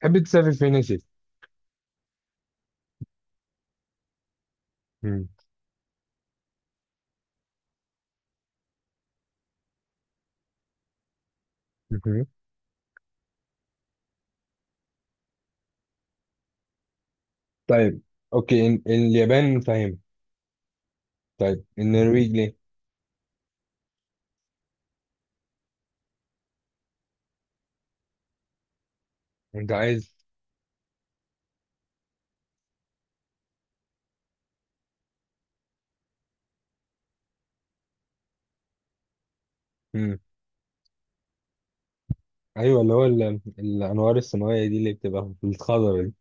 تحب تسافر فين يا سيدي؟ مم. مهم. طيب اوكي اليابان فاهم. طيب النرويج ليه؟ انت عايز. مم. ايوه، اللي هو الانوار السماويه دي اللي بتبقى في الخضره دي.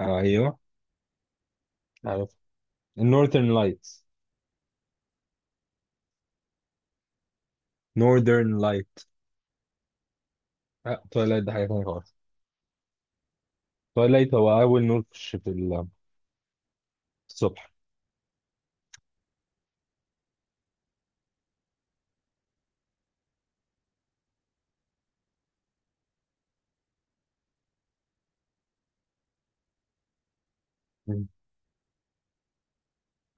آه، ايوه. عارف النورثرن لايتس. نورثرن لايت. اه تويلايت ده حاجه ثانيه خالص. تويلايت هو اول نور في الصبح. مم.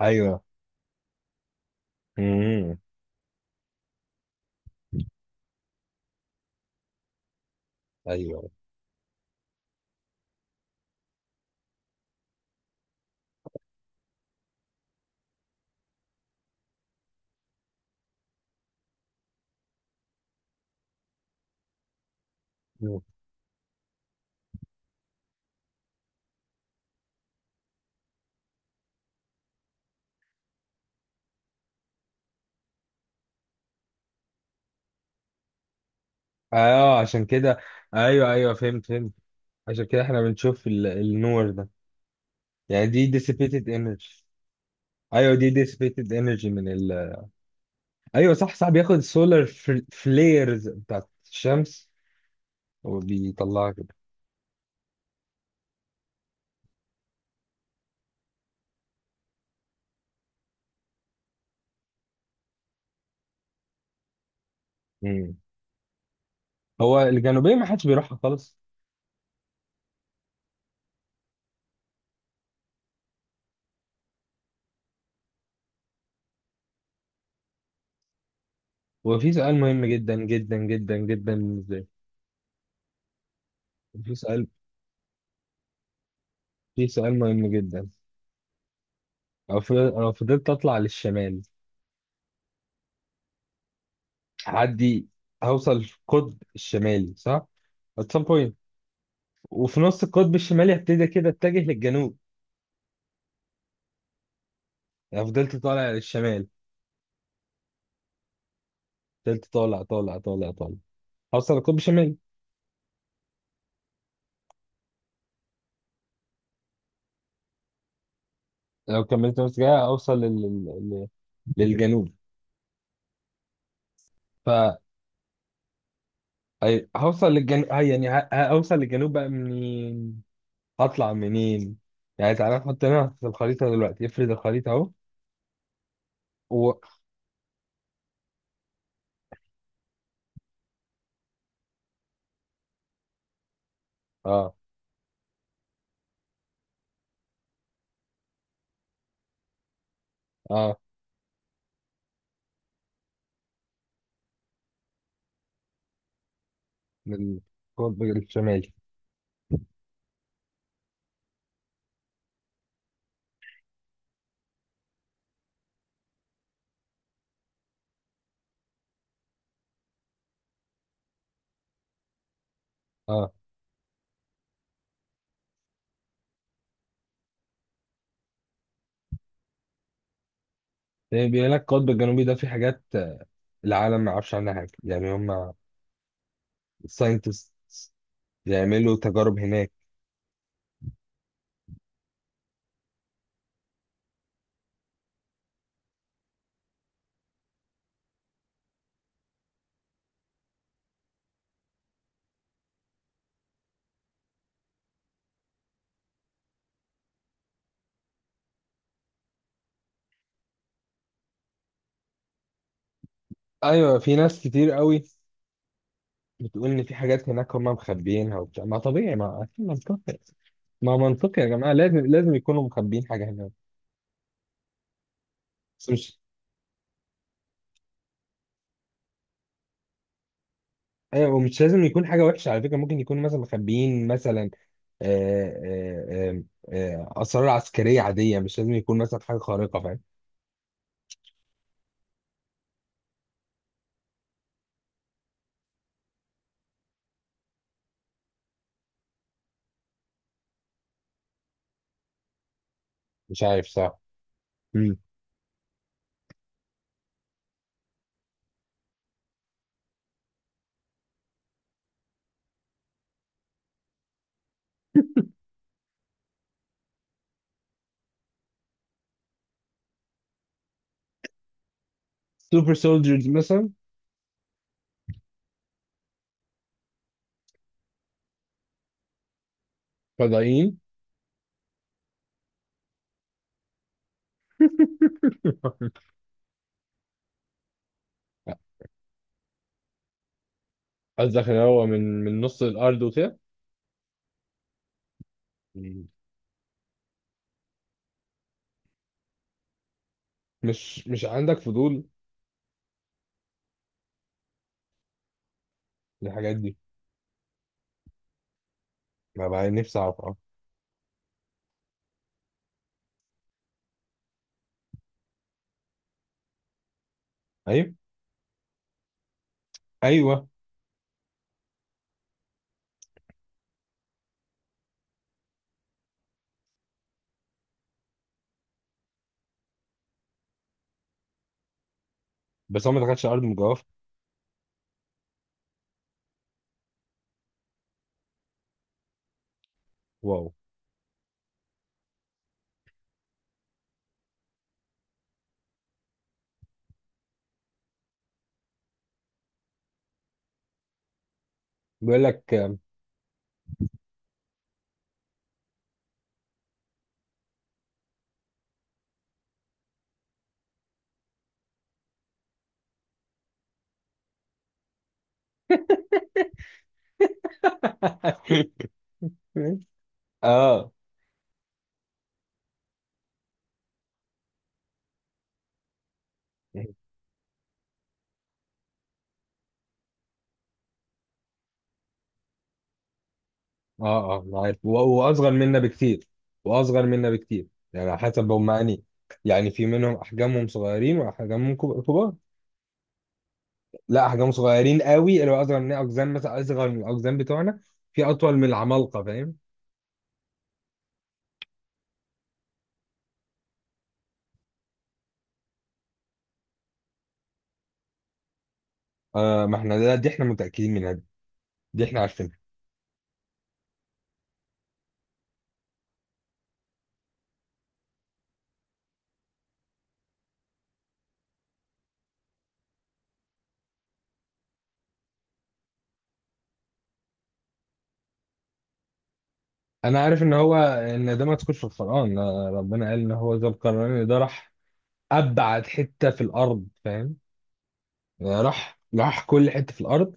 ايوه. مم. ايوه. مم. اه، عشان كده. ايوه ايوه، فهمت فهمت. عشان كده احنا بنشوف النور ده. يعني دي dissipated energy. ايوه دي ديسيبيتد انرجي من ال. ايوه صح صح، بياخد سولار فليرز بتاعت الشمس وبيطلعها كده. مم. هو الجنوبية ما حدش بيروحها خالص. وفي سؤال مهم جدا جدا جدا جدا بالنسبة لي، في سؤال، في سؤال مهم جدا. لو فضلت اطلع للشمال، هعدي، هوصل القطب الشمالي صح؟ At some point. وفي نص القطب الشمالي هبتدي كده اتجه للجنوب. يعني فضلت طالع للشمال، فضلت طالع طالع طالع طالع، هوصل القطب الشمالي. لو كملت نفس كده اوصل لل لل للجنوب. ف، هوصل للجنوب. يعني هوصل للجنوب بقى منين؟ هطلع منين؟ يعني تعالى نحط هنا في الخريطة دلوقتي، افرد الخريطة اهو. و، اه اه، من القطب الشمالي. اه. يعني بيقول لك القطب الجنوبي ده في حاجات العالم ما يعرفش عنها حاجة. يعني هم الساينتست بيعملوا تجارب هناك. ايوه في ناس كتير قوي بتقول ان في حاجات هناك هم مخبيينها وبتاع. ما طبيعي، ما اكيد منطقي، ما منطقي يا جماعه، لازم لازم يكونوا مخبيين حاجه هناك. بس مش، ايوه ومش لازم يكون حاجه وحشه على فكره. ممكن يكونوا مثلا مخبيين مثلا آه، آه، آه، اسرار عسكريه عاديه. مش لازم يكون مثلا حاجه خارقه. فاهم؟ مش عارف، صح. مم. سوبر سولجرز مثلا. فضائيين. قصدك ان هو من نص الارض وكده. مم. مش عندك فضول للحاجات دي؟ ما بقى نفسي اعرف اه. ايوه ايوه، بس هو ما دخلش ارض مجوفه. واو. بيقول لك. اه اه اه، أنا عارف واصغر منا بكتير. واصغر منا بكتير. يعني على حسب هم اني، يعني في منهم احجامهم صغيرين واحجامهم كبار. لا، احجامهم صغيرين قوي اللي هو اصغر من اقزام مثلا، اصغر من الاقزام بتوعنا. في اطول من العمالقه. فاهم؟ آه، ما احنا ده دي احنا متاكدين منها دي احنا عارفينها. انا عارف ان هو ان ده ما تكونش في القران. ربنا قال ان هو ذو القرنين ده راح ابعد حته في الارض. فاهم؟ راح راح كل حتة في الأرض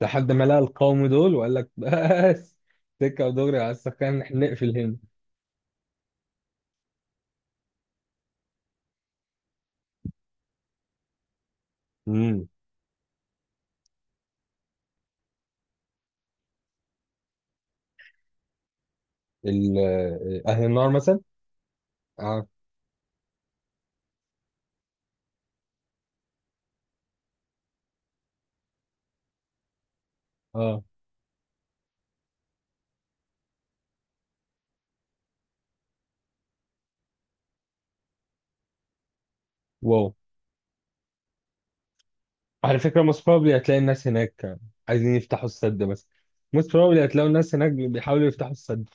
لحد ما لقى القوم دول وقال لك بس، سكة ودغري على السكان، احنا نقفل هنا. امم. أهل النار مثلا. اه اه. واو. على فكرة most probably هتلاقي الناس هناك عايزين يفتحوا السد مثلا. Most probably هتلاقوا الناس هناك بيحاولوا يفتحوا السد.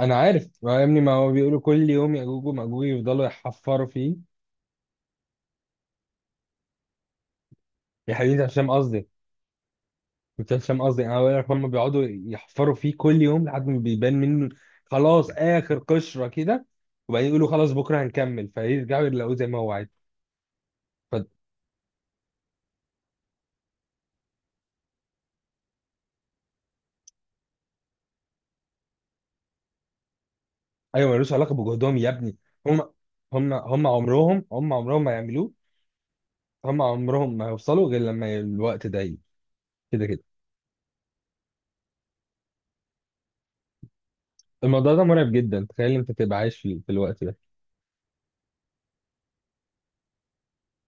أنا عارف، ما يا ابني ما هو بيقولوا كل يوم يأجوج ومأجوج يفضلوا يحفروا فيه. يا حبيبي هشام قصدي، كنت هشام قصدي، انا بقول لك هم بيقعدوا يحفروا فيه كل يوم لحد ما بيبان منه، خلاص اخر قشره كده. وبعدين يقولوا خلاص بكره هنكمل، فيرجعوا يلاقوه زي ما هو عايز. ف، ايوه ملوش علاقه بجهدهم يا ابني. هم هم عمرهم ما يعملوه. هم عمرهم ما هيوصلوا غير لما الوقت ده يجي. كده كده. الموضوع ده مرعب جدا. تخيل انت تبقى عايش في الوقت ده.